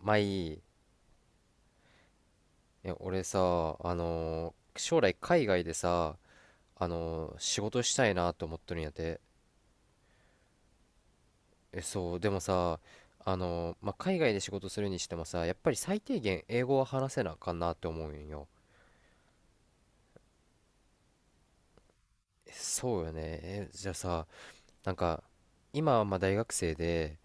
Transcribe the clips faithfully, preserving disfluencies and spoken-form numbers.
まあいい。え、俺さ、あのー将来海外でさ、あのー仕事したいなと思っとるんやて。え、そう、でもさ、あのーまあ、海外で仕事するにしてもさ、やっぱり最低限英語は話せなあかんなって思うんよ。え、そうよね。え、じゃあさ、なんか、今はまあ大学生で、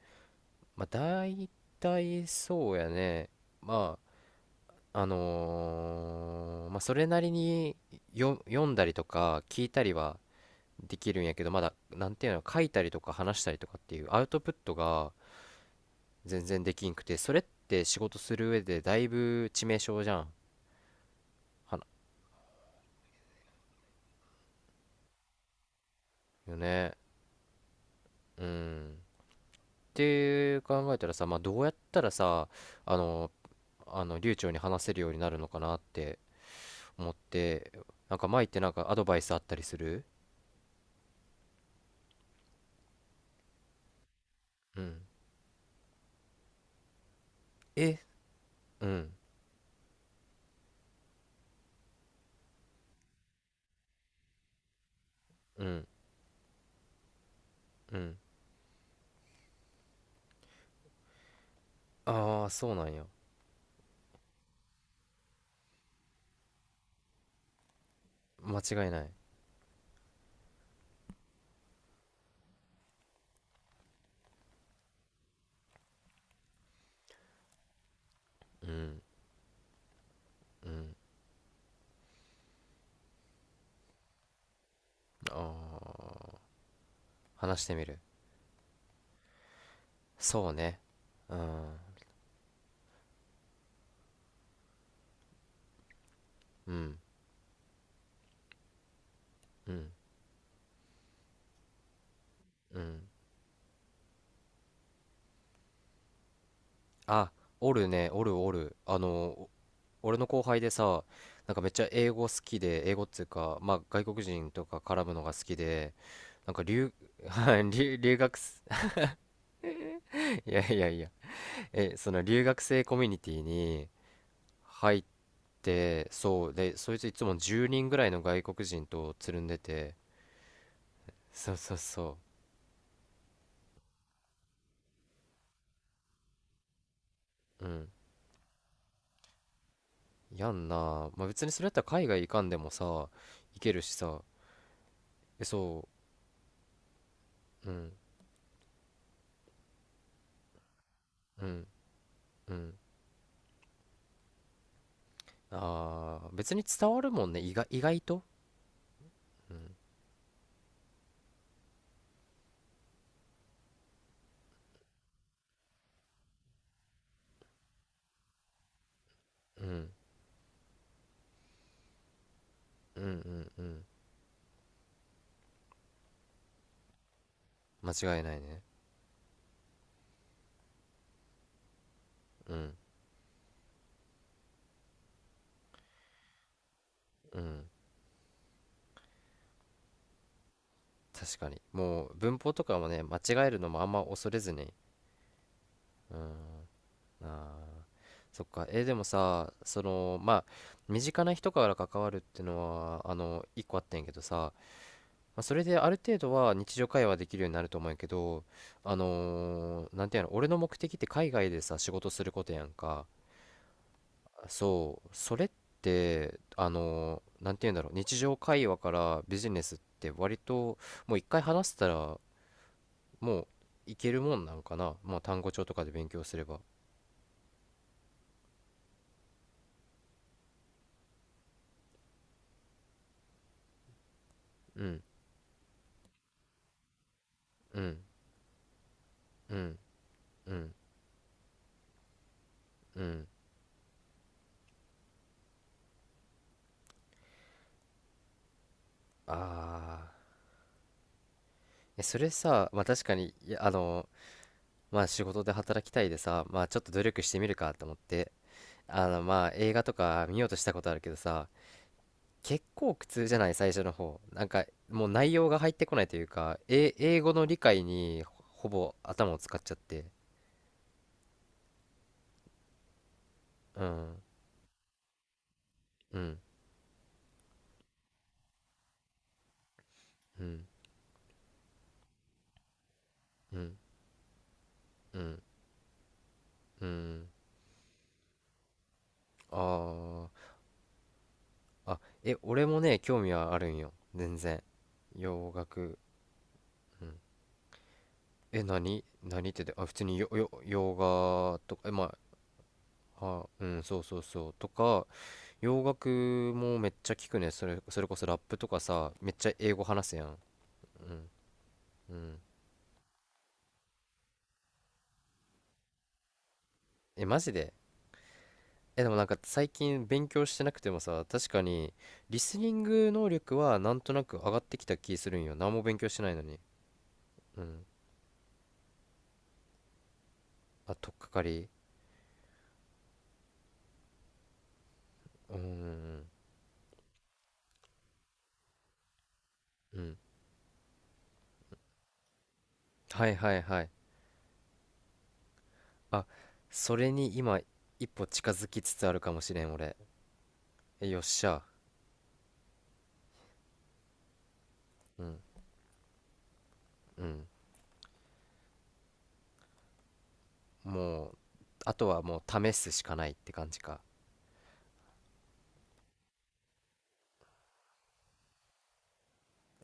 まあ、大体そうやね。まあ、あのーまあ、それなりによ読んだりとか聞いたりはできるんやけど、まだなんていうの、書いたりとか話したりとかっていうアウトプットが全然できんくて、それって仕事する上でだいぶ致命傷じゃん。はなよね。うん。って考えたらさ、まあ、どうやったらさあのあの流暢に話せるようになるのかなって思って、なんか前ってなんかアドバイスあったりする？うん。え。うん。うん。うん。ああー、そうなんや。間違いない。うん。うん。ああー、話してみる。そうね。うん、うん、うん、うん。あ、おるね、おるおる。あの、お俺の後輩でさ、なんかめっちゃ英語好きで、英語っつうか、まあ外国人とか絡むのが好きで、なんか留、はい留、留学す、いやいやいや、え、その留学生コミュニティに入って、そう、で、そいついつもじゅうにんぐらいの外国人とつるんでて、そうそうそう、うん、やんな。まあ別にそれやったら海外行かんでもさ、行けるしさ。え、そう。うん。うん。うん。あー、別に伝わるもんね、意外、意外と。うん。うん。うん。うん。間違いないね。うん。うん。確かにもう文法とかもね、間違えるのもあんま恐れずに。うん。あー、そっか。えーでもさ、その、まあ身近な人から関わるっていうのは、あの一個あったんやけどさ、まあ、それである程度は日常会話できるようになると思うんやけど、あのーなんていうの、俺の目的って海外でさ仕事することやんか。そう、それってあのなんて言うんだろう、日常会話からビジネスって割ともう一回話したら、もういけるもんなんかな。まあ単語帳とかで勉強すれば。うん。うん。うん。うん。うん。ああ。え、それさ、まあ確かに。いや、あのまあ仕事で働きたいでさ、まあちょっと努力してみるかと思って、あのまあ映画とか見ようとしたことあるけどさ、結構苦痛じゃない？最初の方なんかもう内容が入ってこないというか、え、英語の理解にほぼ頭を使っちゃって。うん。うん。うん。うん。うん。うん。あー。あ。え、俺もね興味はあるんよ全然。洋楽、うん、え、何何って？で、あ、普通によよ洋画とか、え、まあ、は、うん、そうそうそうとか、洋楽もめっちゃ聞くねそれ、それこそラップとかさ、めっちゃ英語話すやん。うん。うん。え、マジで？え、でもなんか最近勉強してなくてもさ、確かにリスニング能力はなんとなく上がってきた気するんよ。何も勉強してないのに。うん。あ、とっかかり。うーん。うん。はいはいはい。あ、それに今一歩近づきつつあるかもしれん俺。え、よっしゃ。うん。うん。もう、あとはもう試すしかないって感じか。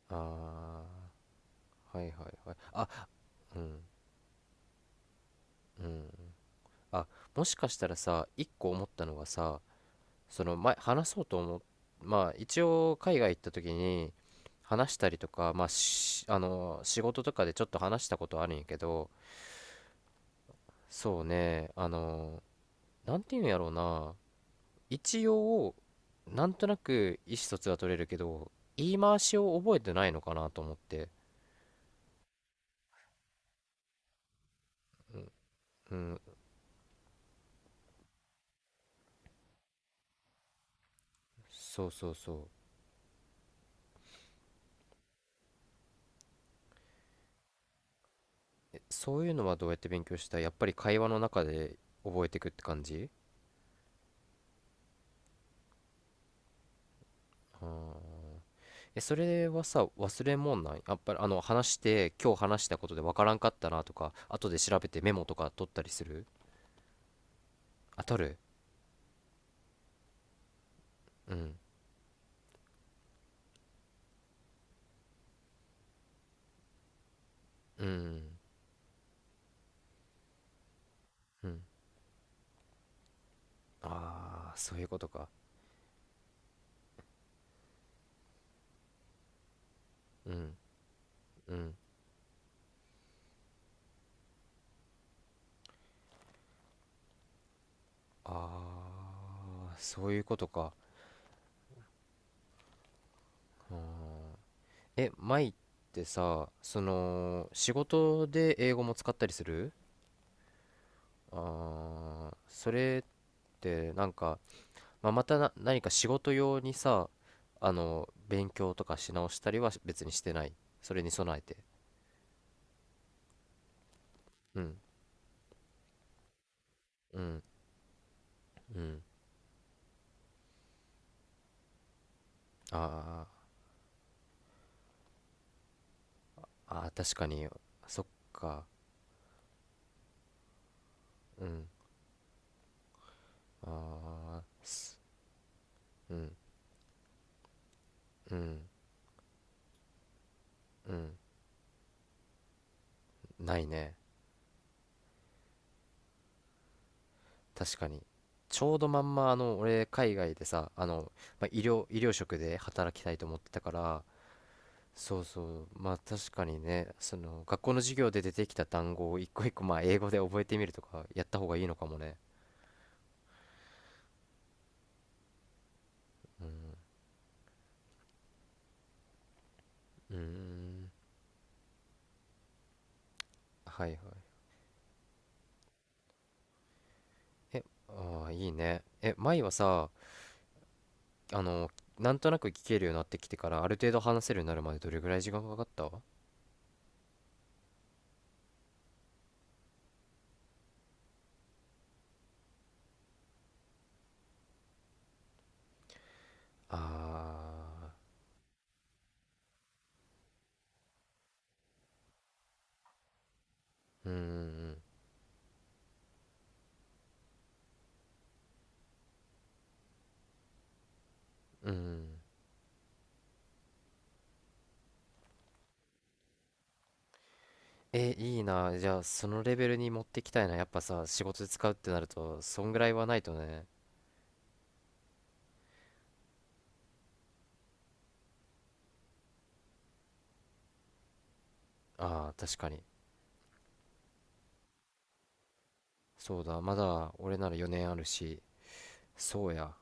あー、はいはいはい。あ、うん。うん。あ、もしかしたらさ、一個思ったのがさ、その前話そうと思っまあ一応海外行った時に話したりとか、まあ、しあの仕事とかでちょっと話したことあるんやけど、そうね、あのなんていうんやろうな、一応なんとなく意思疎通は取れるけど、言い回しを覚えてないのかなと思って。うん。そうそうそう。え、そういうのはどうやって勉強した？やっぱり会話の中で覚えていくって感じ？あー。え、それはさ、忘れもんない？やっぱり、あの、話して、今日話したことでわからんかったなとか、後で調べてメモとか取ったりする？あ、取る。うん。うん。うん。ああ、そういうことか。うん。うん。ああ、そういうことか。うん。え、舞ってさ、その、仕事で英語も使ったりする？ああー、それって、なんか、まあ、またな何か仕事用にさあの勉強とかし直したりは別にしてない？それに備えて。うん。うん。うん。あーあー、確かに。そっか。うん。ああー。すうん。うん。うん。ないね。確かに、ちょうどまんまあの俺海外でさ、あの、まあ、医療、医療職で働きたいと思ってたから、そうそう、まあ確かにね。その学校の授業で出てきた単語を一個一個まあ英語で覚えてみるとかやった方がいいのかもね。うーん。はいはい。え、ああいいね。え、舞はさ、あのなんとなく聞けるようになってきてからある程度話せるようになるまでどれぐらい時間かかった？ああー。うん。うん。うん。うん。え、いいな。じゃあそのレベルに持ってきたいな。やっぱさ仕事で使うってなるとそんぐらいはないとね。ああ、確かに。そうだ、まだ俺ならよねんあるし。そうや。